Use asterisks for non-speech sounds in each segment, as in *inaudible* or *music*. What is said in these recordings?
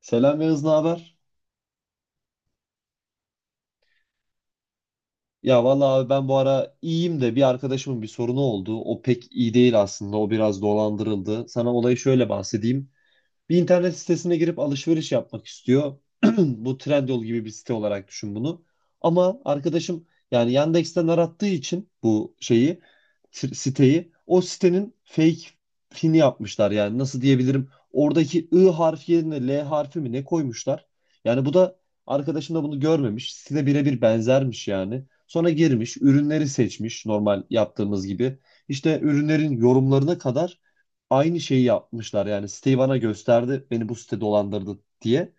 Selam Yağız, ne haber? Ya vallahi abi ben bu ara iyiyim de bir arkadaşımın bir sorunu oldu. O pek iyi değil aslında. O biraz dolandırıldı. Sana olayı şöyle bahsedeyim. Bir internet sitesine girip alışveriş yapmak istiyor. *clears throat* Bu Trendyol gibi bir site olarak düşün bunu. Ama arkadaşım yani Yandex'ten arattığı için bu şeyi, siteyi, o sitenin fake fini yapmışlar. Yani nasıl diyebilirim, oradaki I harfi yerine L harfi mi ne koymuşlar. Yani bu da arkadaşım da bunu görmemiş. Site birebir benzermiş yani. Sonra girmiş, ürünleri seçmiş, normal yaptığımız gibi. İşte ürünlerin yorumlarına kadar aynı şeyi yapmışlar. Yani siteyi bana gösterdi, beni bu site dolandırdı diye.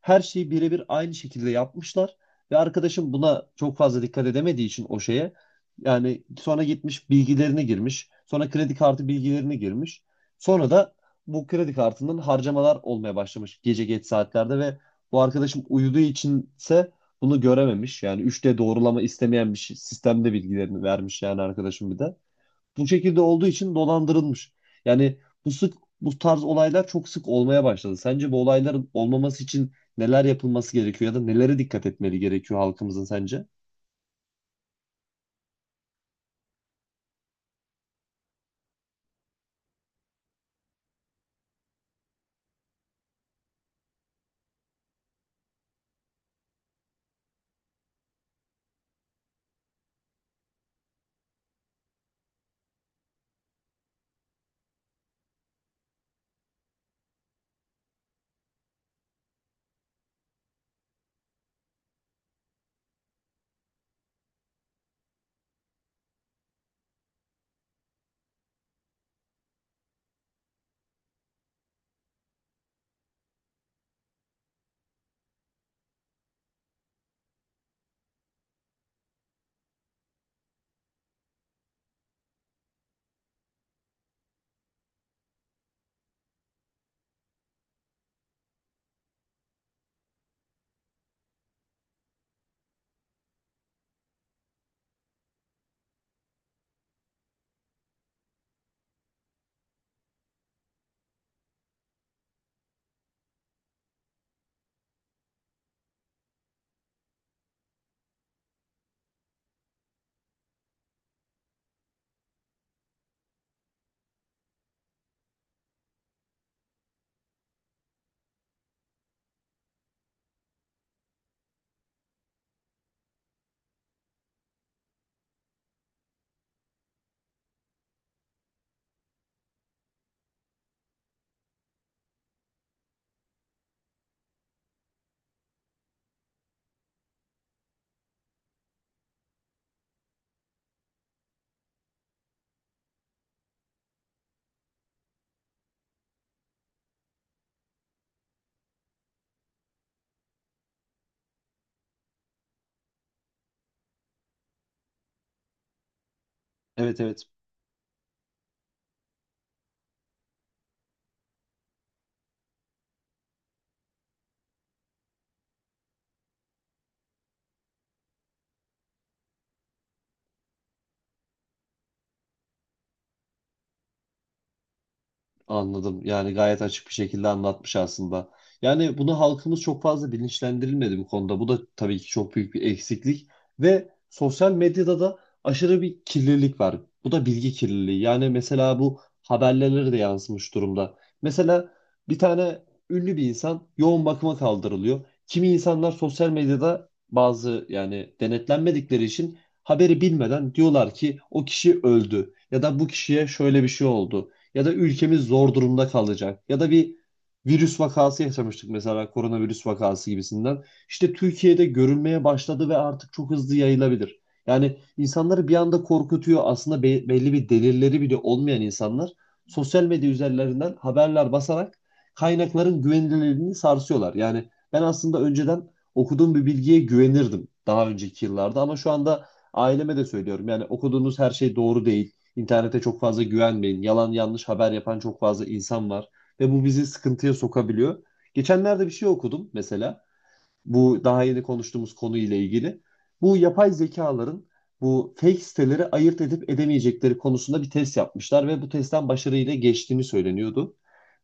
Her şeyi birebir aynı şekilde yapmışlar. Ve arkadaşım buna çok fazla dikkat edemediği için o şeye, yani sonra gitmiş, bilgilerini girmiş. Sonra kredi kartı bilgilerini girmiş. Sonra da bu kredi kartının harcamalar olmaya başlamış gece geç saatlerde, ve bu arkadaşım uyuduğu içinse bunu görememiş. Yani 3D doğrulama istemeyen sistemde bilgilerini vermiş, yani arkadaşım bir de. Bu şekilde olduğu için dolandırılmış. Yani bu sık bu tarz olaylar çok sık olmaya başladı. Sence bu olayların olmaması için neler yapılması gerekiyor, ya da nelere dikkat etmeli gerekiyor halkımızın sence? Evet, evet. Anladım. Yani gayet açık bir şekilde anlatmış aslında. Yani bunu halkımız çok fazla bilinçlendirilmedi bu konuda. Bu da tabii ki çok büyük bir eksiklik. Ve sosyal medyada da aşırı bir kirlilik var. Bu da bilgi kirliliği. Yani mesela bu haberlere de yansımış durumda. Mesela bir tane ünlü bir insan yoğun bakıma kaldırılıyor. Kimi insanlar sosyal medyada bazı, yani denetlenmedikleri için, haberi bilmeden diyorlar ki o kişi öldü, ya da bu kişiye şöyle bir şey oldu, ya da ülkemiz zor durumda kalacak, ya da bir virüs vakası yaşamıştık mesela, koronavirüs vakası gibisinden. İşte Türkiye'de görülmeye başladı ve artık çok hızlı yayılabilir. Yani insanları bir anda korkutuyor aslında, belli bir delilleri bile olmayan insanlar sosyal medya üzerlerinden haberler basarak kaynakların güvenilirliğini sarsıyorlar. Yani ben aslında önceden okuduğum bir bilgiye güvenirdim daha önceki yıllarda, ama şu anda aileme de söylüyorum. Yani okuduğunuz her şey doğru değil. İnternete çok fazla güvenmeyin. Yalan yanlış haber yapan çok fazla insan var ve bu bizi sıkıntıya sokabiliyor. Geçenlerde bir şey okudum mesela. Bu daha yeni konuştuğumuz konuyla ilgili. Bu yapay zekaların bu fake siteleri ayırt edip edemeyecekleri konusunda bir test yapmışlar ve bu testten başarıyla geçtiğini söyleniyordu.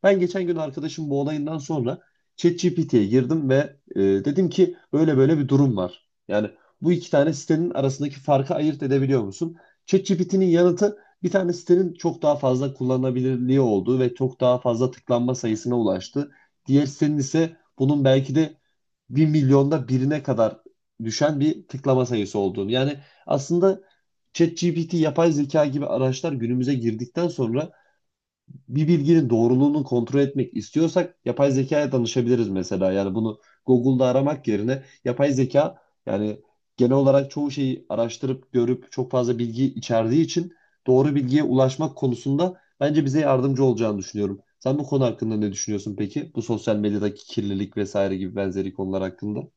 Ben geçen gün arkadaşım bu olayından sonra ChatGPT'ye girdim ve dedim ki böyle böyle bir durum var. Yani bu iki tane sitenin arasındaki farkı ayırt edebiliyor musun? ChatGPT'nin yanıtı, bir tane sitenin çok daha fazla kullanılabilirliği olduğu ve çok daha fazla tıklanma sayısına ulaştı. Diğer sitenin ise bunun belki de bir milyonda birine kadar düşen bir tıklama sayısı olduğunu. Yani aslında ChatGPT, yapay zeka gibi araçlar günümüze girdikten sonra, bir bilginin doğruluğunu kontrol etmek istiyorsak yapay zekaya danışabiliriz mesela. Yani bunu Google'da aramak yerine, yapay zeka yani genel olarak çoğu şeyi araştırıp görüp çok fazla bilgi içerdiği için, doğru bilgiye ulaşmak konusunda bence bize yardımcı olacağını düşünüyorum. Sen bu konu hakkında ne düşünüyorsun peki? Bu sosyal medyadaki kirlilik vesaire gibi benzeri konular hakkında.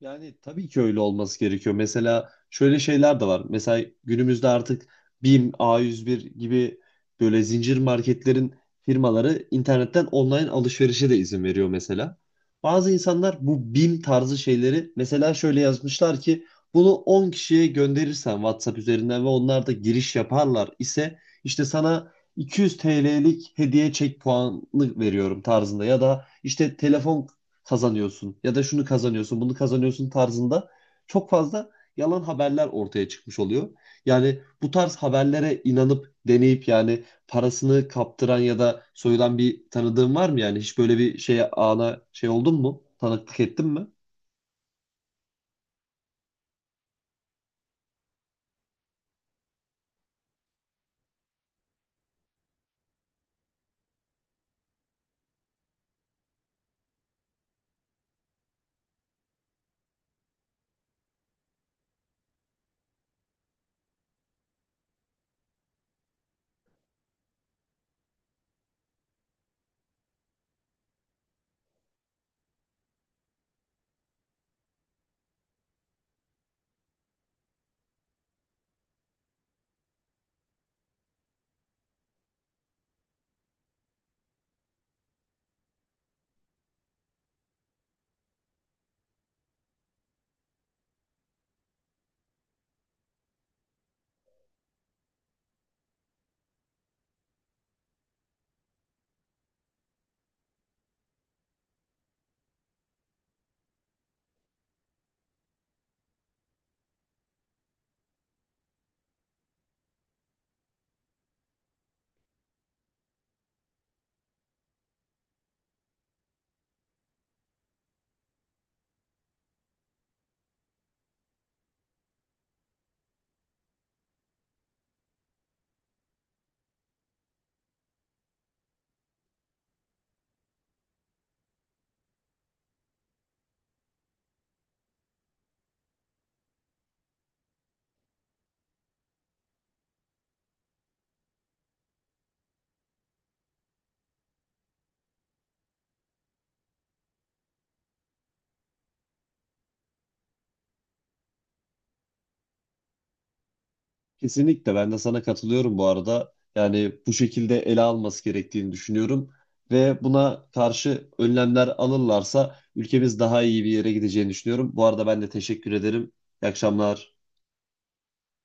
Yani tabii ki öyle olması gerekiyor. Mesela şöyle şeyler de var. Mesela günümüzde artık BİM, A101 gibi böyle zincir marketlerin firmaları internetten online alışverişe de izin veriyor mesela. Bazı insanlar bu BİM tarzı şeyleri mesela şöyle yazmışlar ki, bunu 10 kişiye gönderirsen WhatsApp üzerinden ve onlar da giriş yaparlar ise, işte sana 200 TL'lik hediye çek puanı veriyorum tarzında, ya da işte telefon kazanıyorsun, ya da şunu kazanıyorsun, bunu kazanıyorsun tarzında, çok fazla yalan haberler ortaya çıkmış oluyor. Yani bu tarz haberlere inanıp deneyip, yani parasını kaptıran ya da soyulan bir tanıdığın var mı yani? Hiç böyle bir şeye ana şey oldun mu? Tanıklık ettin mi? Kesinlikle, ben de sana katılıyorum bu arada. Yani bu şekilde ele alması gerektiğini düşünüyorum ve buna karşı önlemler alırlarsa ülkemiz daha iyi bir yere gideceğini düşünüyorum. Bu arada ben de teşekkür ederim. İyi akşamlar.